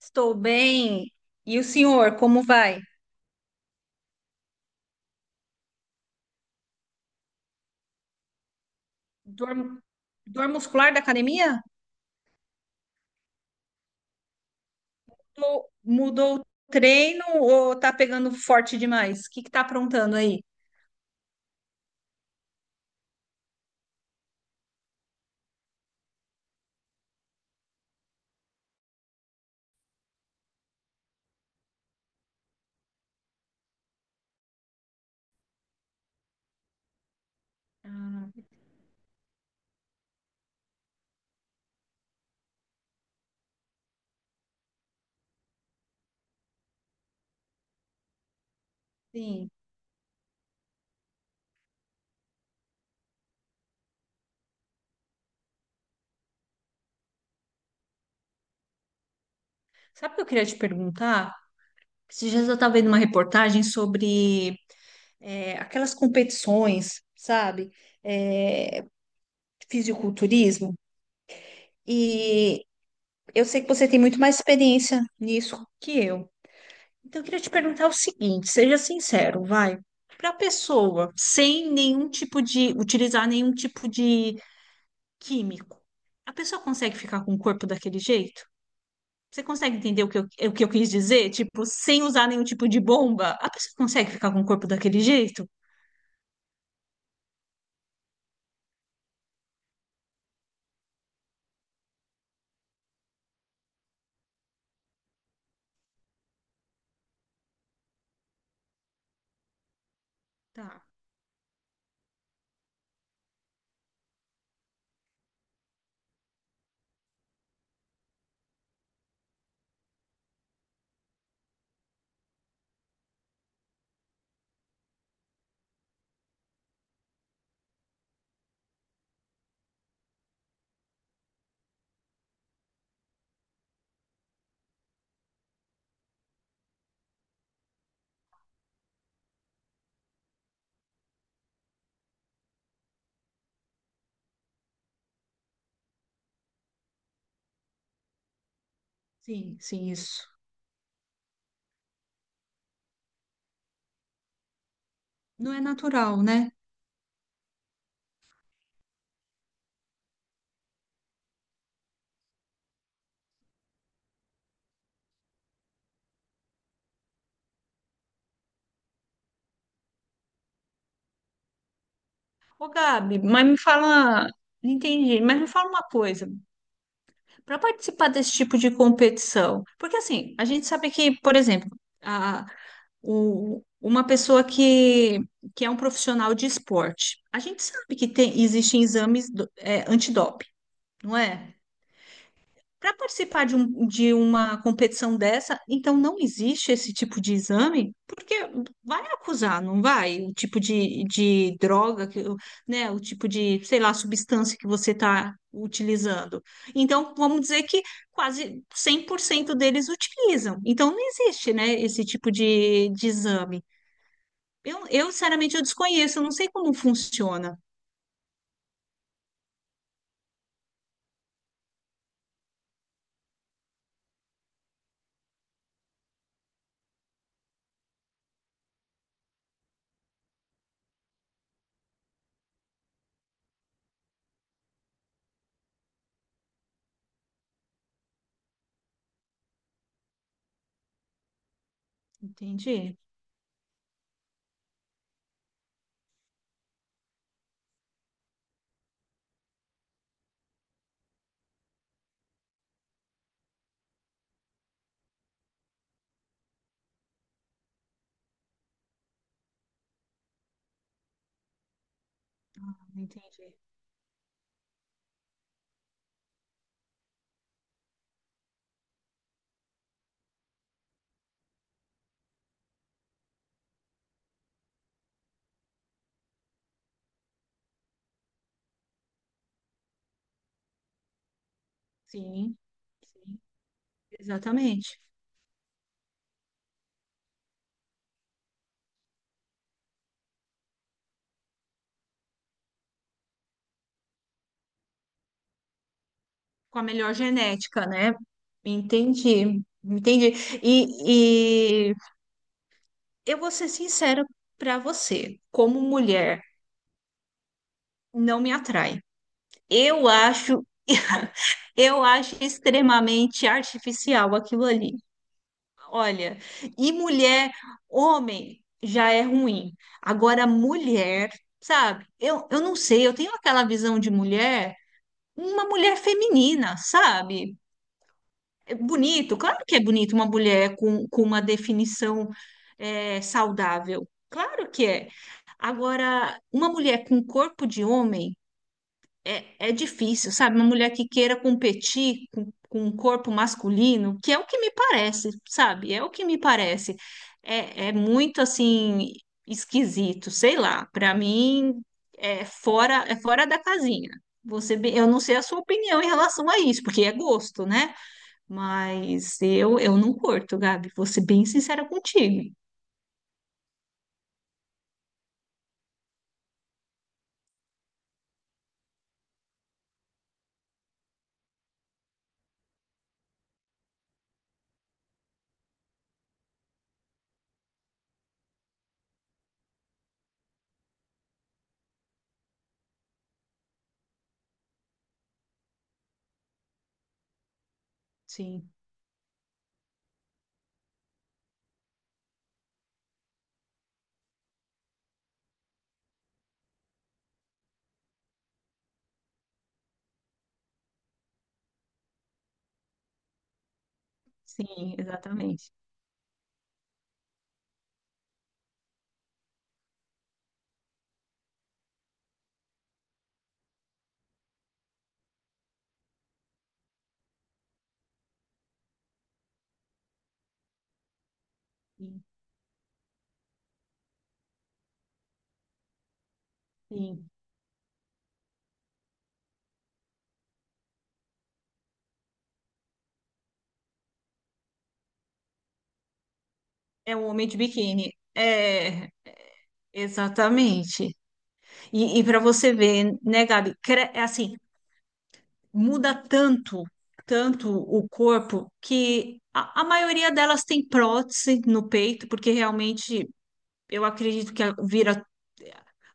Estou bem. E o senhor, como vai? Dor, dor muscular da academia? Mudou o treino ou tá pegando forte demais? O que que tá aprontando aí? Ah, sim. Sabe o que eu queria te perguntar? Esses dias eu estava vendo uma reportagem sobre aquelas competições, sabe? É, fisiculturismo. E eu sei que você tem muito mais experiência nisso que eu. Então, eu queria te perguntar o seguinte, seja sincero, vai. Para a pessoa, sem nenhum tipo de, utilizar nenhum tipo de químico, a pessoa consegue ficar com o corpo daquele jeito? Você consegue entender o que eu quis dizer? Tipo, sem usar nenhum tipo de bomba, a pessoa consegue ficar com o corpo daquele jeito? Tá, sim, sim, isso. Não é natural, né? Ô, Gabi, mas me fala, entendi, mas me fala uma coisa, para participar desse tipo de competição, porque assim, a gente sabe que, por exemplo, a, o, uma pessoa que é um profissional de esporte, a gente sabe que tem, existem exames do, é, antidoping, não é? Para participar de, um, de uma competição dessa, então não existe esse tipo de exame, porque vai acusar, não vai? O tipo de droga, que, né? O tipo de, sei lá, substância que você está utilizando. Então, vamos dizer que quase 100% deles utilizam. Então, não existe, né, esse tipo de exame. Sinceramente, eu desconheço, eu não sei como funciona. Entendi, entendi. Sim, sim, exatamente. Com a melhor genética, né? Entendi, entendi. E, e eu vou ser sincera para você, como mulher, não me atrai. Eu acho, eu acho extremamente artificial aquilo ali. Olha, e mulher, homem já é ruim. Agora, mulher, sabe? Eu não sei, eu tenho aquela visão de mulher, uma mulher feminina, sabe? É bonito, claro que é bonito uma mulher com uma definição saudável, claro que é. Agora, uma mulher com corpo de homem é difícil, sabe? Uma mulher que queira competir com um corpo masculino, que é o que me parece, sabe? É o que me parece. É, é muito assim esquisito, sei lá. Para mim é fora da casinha. Você, eu não sei a sua opinião em relação a isso, porque é gosto, né? Mas eu não curto, Gabi. Vou ser bem sincera contigo. Sim, sim, exatamente. Sim, sim. É um homem de biquíni. É, exatamente. Para você ver, né, Gabi? É assim, muda tanto, tanto o corpo que a maioria delas tem prótese no peito, porque realmente eu acredito que vira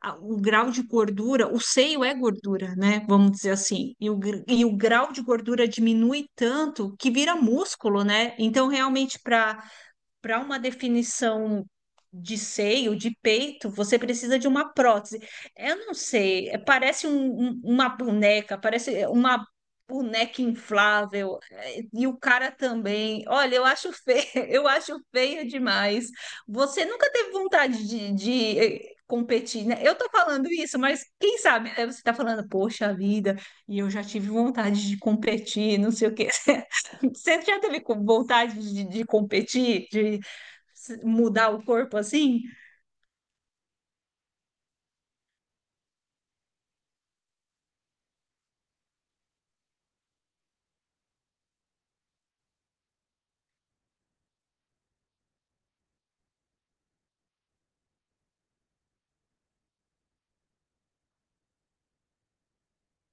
o grau de gordura, o seio é gordura, né? Vamos dizer assim. E o, e o grau de gordura diminui tanto que vira músculo, né? Então, realmente, para uma definição de seio, de peito, você precisa de uma prótese. Eu não sei, parece uma boneca, parece é, uma boneca inflável, é, e o cara também. Olha, eu acho feio, eu acho feio demais. Você nunca teve vontade de, competir, né? Eu tô falando isso, mas quem sabe, né? Você tá falando, poxa vida, e eu já tive vontade de competir, não sei o quê. Você já teve vontade de competir, de mudar o corpo assim?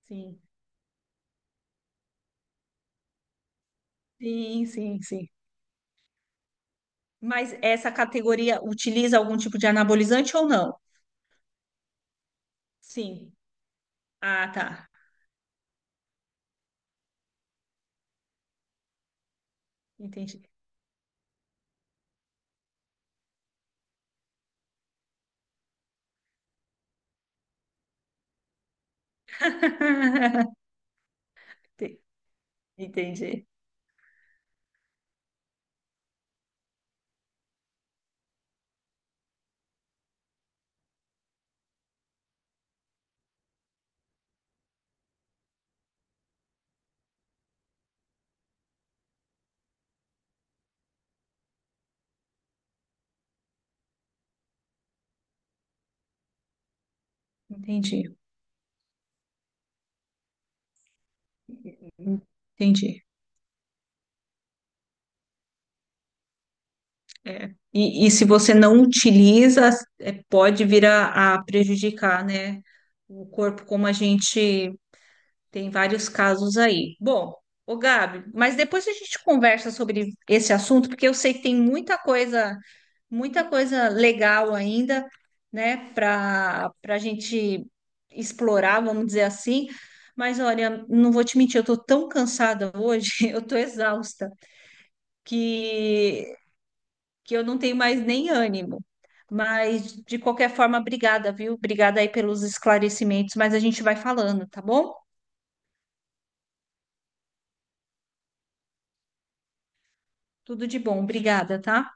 Sim. Sim, sim, sim. Mas essa categoria utiliza algum tipo de anabolizante ou não? Sim. Ah, tá. Entendi. Ente- Entendi. Entendi. Entendi. É. Se você não utiliza, é, pode vir a prejudicar, né? O corpo, como a gente tem vários casos aí. Bom, ô Gabi, mas depois a gente conversa sobre esse assunto, porque eu sei que tem muita coisa legal ainda, né, para a gente explorar, vamos dizer assim. Mas olha, não vou te mentir, eu tô tão cansada hoje, eu tô exausta, que que eu não tenho mais nem ânimo. Mas de qualquer forma, obrigada, viu? Obrigada aí pelos esclarecimentos, mas a gente vai falando, tá bom? Tudo de bom, obrigada, tá?